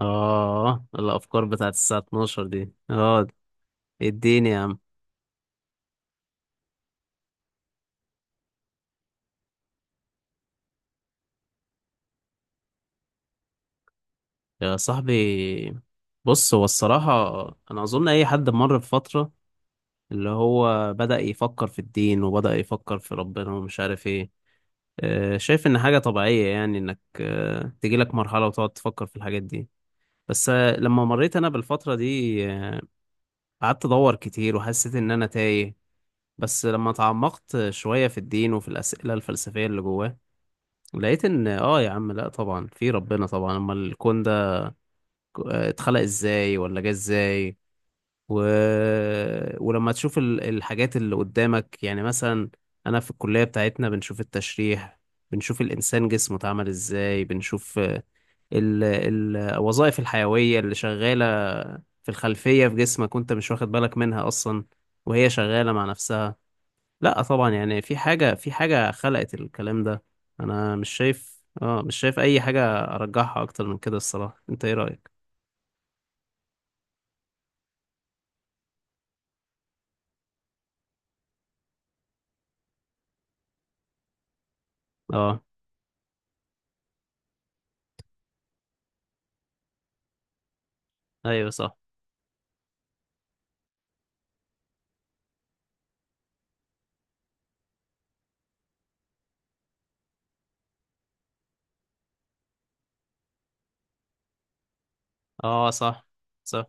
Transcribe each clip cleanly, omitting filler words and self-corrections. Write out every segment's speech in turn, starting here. اه، الافكار بتاعت الساعة 12 دي، اه. اديني يا عم. يا صاحبي، بص، هو الصراحة، انا اظن اي حد مر بفترة اللي هو بدأ يفكر في الدين وبدأ يفكر في ربنا ومش عارف ايه. شايف ان حاجة طبيعية، يعني انك تجيلك مرحلة وتقعد تفكر في الحاجات دي. بس لما مريت انا بالفترة دي قعدت ادور كتير وحسيت ان انا تايه. بس لما تعمقت شوية في الدين وفي الأسئلة الفلسفية اللي جواه، لقيت ان، اه، يا عم، لا طبعا في ربنا طبعا. امال الكون ده اتخلق ازاي ولا جه ازاي؟ و... ولما تشوف الحاجات اللي قدامك، يعني مثلا انا في الكلية بتاعتنا بنشوف التشريح، بنشوف الانسان جسمه اتعمل ازاي، بنشوف الوظائف الحيوية اللي شغالة في الخلفية في جسمك وانت مش واخد بالك منها اصلا، وهي شغالة مع نفسها. لا طبعا، يعني في حاجة، خلقت الكلام ده. انا مش شايف، اه، مش شايف اي حاجة ارجحها اكتر من كده الصراحة. انت ايه رأيك؟ اه ايوه صح. اه صح صح.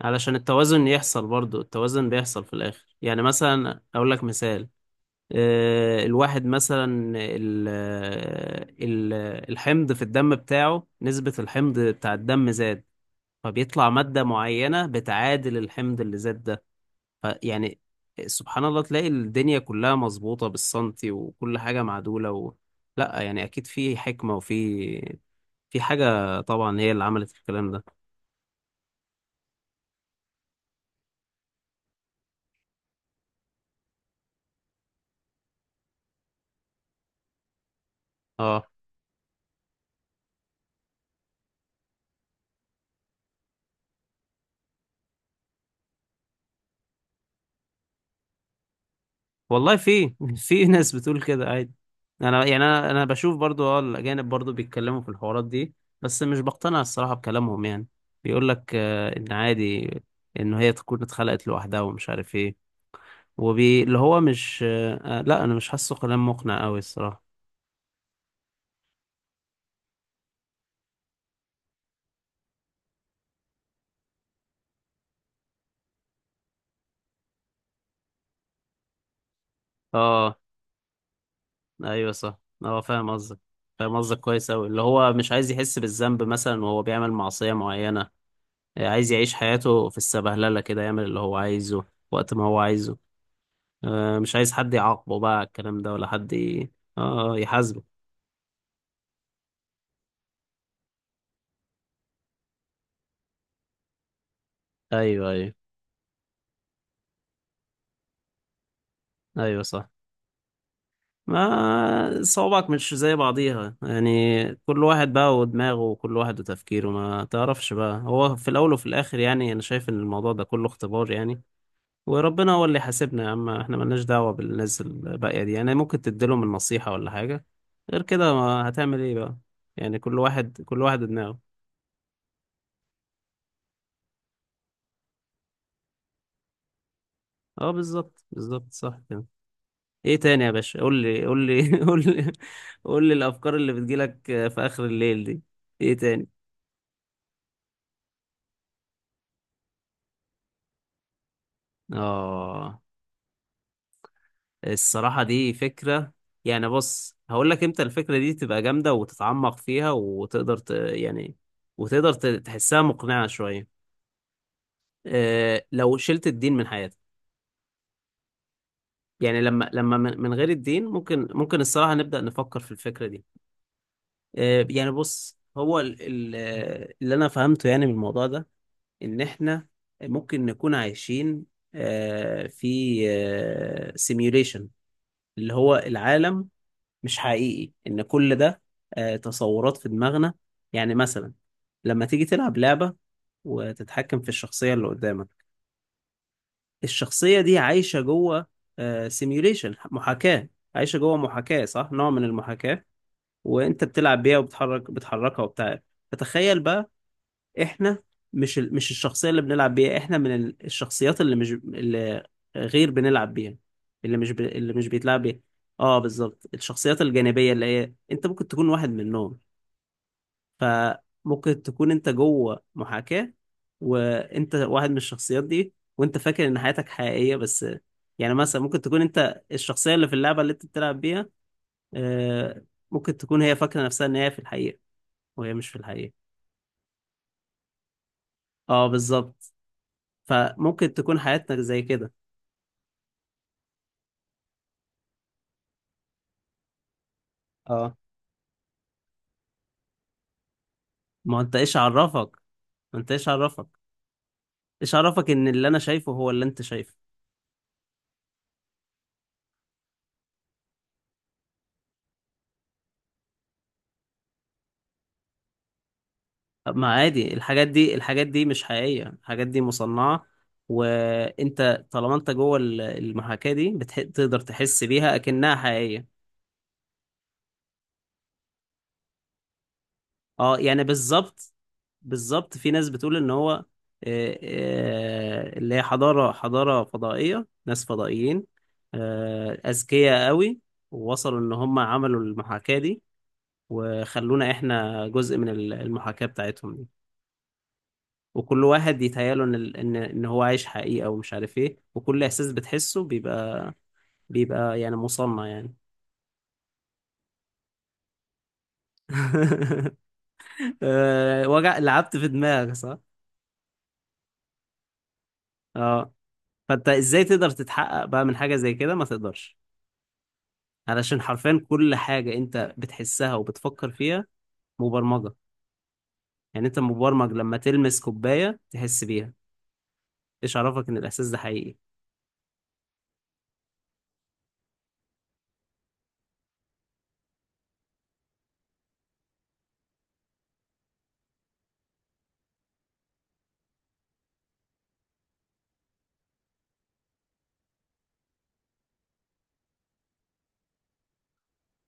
علشان التوازن يحصل برضو، التوازن بيحصل في الاخر، يعني مثلا اقول لك مثال. الواحد مثلا، ال ال الحمض في الدم بتاعه، نسبة الحمض بتاع الدم زاد، فبيطلع مادة معينة بتعادل الحمض اللي زاد ده. فيعني، سبحان الله، تلاقي الدنيا كلها مظبوطة بالسنتي وكل حاجة معدولة لا يعني أكيد في حكمة وفي، في حاجة طبعا هي اللي عملت الكلام ده. اه والله، في في ناس بتقول كده عادي. أنا يعني، أنا بشوف برضو، اه، الأجانب برضو بيتكلموا في الحوارات دي، بس مش بقتنع الصراحة بكلامهم يعني. بيقول لك إن عادي، إن هي تكون اتخلقت لوحدها ومش عارف إيه. اللي هو مش لا، أنا مش حاسه كلام مقنع أوي الصراحة. اه ايوه صح. هو فاهم قصدك، فاهم قصدك كويس اوي، اللي هو مش عايز يحس بالذنب مثلا وهو بيعمل معصية معينة. عايز يعيش حياته في السبهللة كده، يعمل اللي هو عايزه وقت ما هو عايزه. مش عايز حد يعاقبه بقى على الكلام ده، ولا حد اه، يحاسبه. ايوه ايوه. ايوه صح. ما صوابعك مش زي بعضيها يعني، كل واحد بقى ودماغه، وكل واحد وتفكيره، ما تعرفش بقى، هو في الاول وفي الاخر يعني انا شايف ان الموضوع ده كله اختبار يعني. وربنا هو اللي يحاسبنا يا عم، احنا ملناش دعوة بالناس الباقية دي، يعني ممكن تديلهم النصيحة ولا حاجة، غير كده ما هتعمل ايه بقى؟ يعني كل واحد دماغه. اه بالظبط بالظبط صح كده. ايه تاني يا باشا؟ قول لي قول لي. قول لي الافكار اللي بتجيلك في اخر الليل دي، ايه تاني؟ اه، الصراحة دي فكرة. يعني بص، هقول لك امتى الفكرة دي تبقى جامدة وتتعمق فيها وتقدر يعني وتقدر تحسها مقنعة شوية. لو شلت الدين من حياتك، يعني لما من غير الدين، ممكن، الصراحة نبدأ نفكر في الفكرة دي. يعني بص، هو اللي أنا فهمته يعني من الموضوع ده، إن إحنا ممكن نكون عايشين في سيميوليشن، اللي هو العالم مش حقيقي، إن كل ده تصورات في دماغنا. يعني مثلا لما تيجي تلعب لعبة وتتحكم في الشخصية اللي قدامك، الشخصية دي عايشة جوه سيميوليشن، محاكاة، عايشة جوه محاكاة، صح، نوع من المحاكاة. وانت بتلعب بيها، بتحركها وبتاع. فتخيل بقى، احنا مش مش الشخصية اللي بنلعب بيها، احنا من الشخصيات اللي مش اللي غير بنلعب بيها، اللي مش اللي مش بيتلعب بيها. اه بالظبط، الشخصيات الجانبية اللي هي انت ممكن تكون واحد منهم. فممكن تكون انت جوه محاكاة، وانت واحد من الشخصيات دي، وانت فاكر ان حياتك حقيقية بس. يعني مثلا ممكن تكون انت الشخصية اللي في اللعبة اللي انت بتلعب بيها. آه، ممكن تكون هي فاكرة نفسها ان هي في الحقيقة، وهي مش في الحقيقة. اه بالظبط. فممكن تكون حياتك زي كده. اه، ما هو انت ايش عرفك، ما انت ايش عرفك، ايش عرفك ان اللي انا شايفه هو اللي انت شايفه؟ طب ما عادي، الحاجات دي، الحاجات دي مش حقيقية، الحاجات دي مصنعة، وانت طالما انت جوه المحاكاة دي تقدر تحس بيها اكنها حقيقية. اه يعني بالظبط، بالظبط. في ناس بتقول ان هو اللي هي حضارة، فضائية، ناس فضائيين، أذكياء قوي، ووصلوا ان هم عملوا المحاكاة دي، وخلونا احنا جزء من المحاكاة بتاعتهم دي. وكل واحد يتهيأله ان هو عايش حقيقة ومش عارف ايه، وكل احساس بتحسه بيبقى، يعني مصنع يعني. وجع لعبت في دماغك صح. اه، فانت ازاي تقدر تتحقق بقى من حاجة زي كده؟ ما تقدرش. علشان حرفيا كل حاجة انت بتحسها وبتفكر فيها مبرمجة. يعني انت مبرمج، لما تلمس كوباية تحس بيها. ايش عرفك ان الاحساس ده حقيقي؟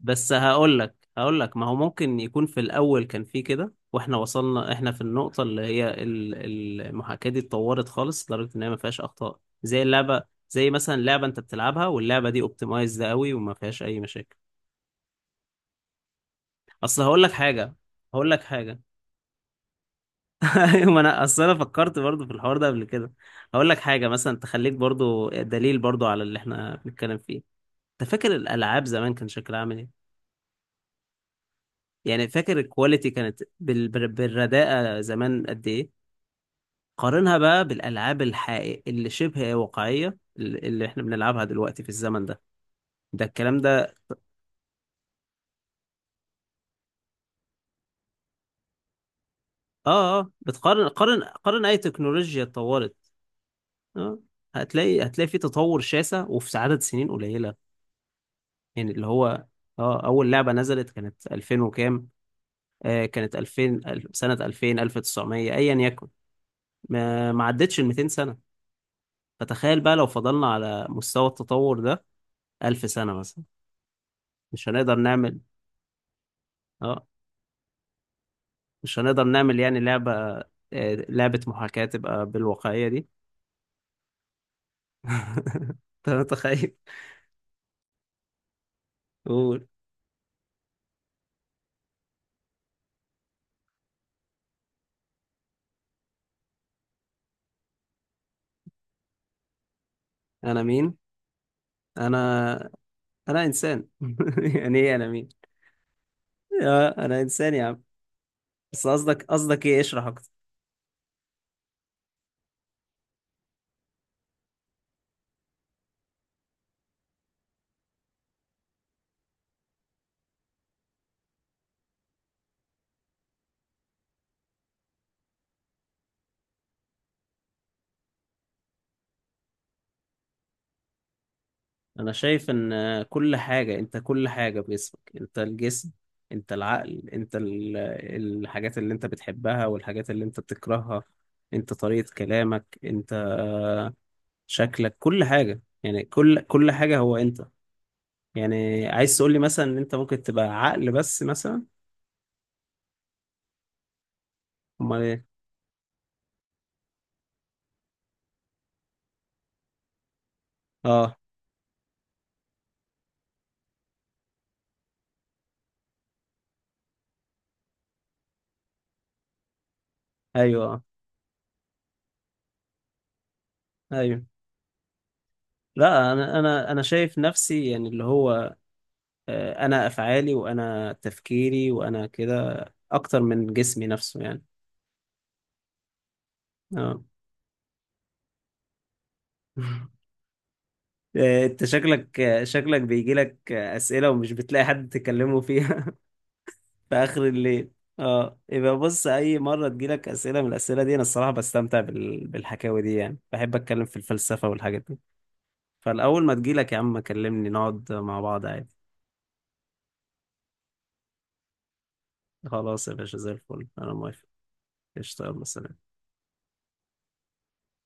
بس هقول لك، ما هو ممكن يكون في الاول كان في كده، واحنا وصلنا احنا في النقطه اللي هي المحاكاه دي اتطورت خالص لدرجه ان هي ما فيهاش اخطاء زي اللعبه، زي مثلا لعبه انت بتلعبها واللعبه دي اوبتمايزد قوي وما فيهاش اي مشاكل. اصل هقول لك حاجه ايوه، ما انا اصل انا فكرت برضو في الحوار ده قبل كده. هقول لك حاجه مثلا تخليك برضو دليل برضو على اللي احنا بنتكلم فيه. انت فاكر الالعاب زمان كان شكلها عامل ايه؟ يعني فاكر الكواليتي كانت بالرداءه زمان قد ايه؟ قارنها بقى بالالعاب الحقيقية اللي شبه واقعيه، اللي احنا بنلعبها دلوقتي في الزمن ده، ده الكلام ده. اه اه، بتقارن، قارن قارن اي تكنولوجيا اتطورت، اه هتلاقي، في تطور شاسع وفي عدد سنين قليله. يعني اللي هو، اه، اول لعبه نزلت كانت 2000 وكام، آه، كانت 2000، سنه 2000، 1900، ايا يكن، ما ما عدتش ال 200 سنه. فتخيل بقى لو فضلنا على مستوى التطور ده 1000 سنه مثلا، مش هنقدر نعمل، اه، مش هنقدر نعمل يعني لعبة، لعبة محاكاة تبقى بالواقعية دي. انت متخيل؟ قول، انا مين؟ انا، انا انسان يعني ايه انا مين؟ انا انسان يا عم. بس قصدك، قصدك ايه؟ اشرح اكتر. انا شايف ان كل حاجة انت، كل حاجة بجسمك، انت الجسم، انت العقل، انت الحاجات اللي انت بتحبها والحاجات اللي انت بتكرهها، انت طريقة كلامك، انت شكلك، كل حاجة يعني، كل حاجة هو انت. يعني عايز تقول لي مثلا ان انت ممكن تبقى عقل بس مثلا؟ امال ايه؟ اه ايوه، ايوه. لا انا، انا شايف نفسي يعني اللي هو انا افعالي، وانا تفكيري، وانا كده، اكتر من جسمي نفسه يعني. اه. انت شكلك، شكلك بيجي لك اسئله ومش بتلاقي حد تكلمه فيها. في اخر الليل. اه يبقى بص، اي مره تجيلك اسئله من الاسئله دي، انا الصراحه بستمتع بال... بالحكاوي دي، يعني بحب اتكلم في الفلسفه والحاجات دي. فالأول ما تجيلك يا عم كلمني، نقعد مع بعض عادي. خلاص يا باشا، زي الفل، أنا موافق. قشطة، يلا سلام.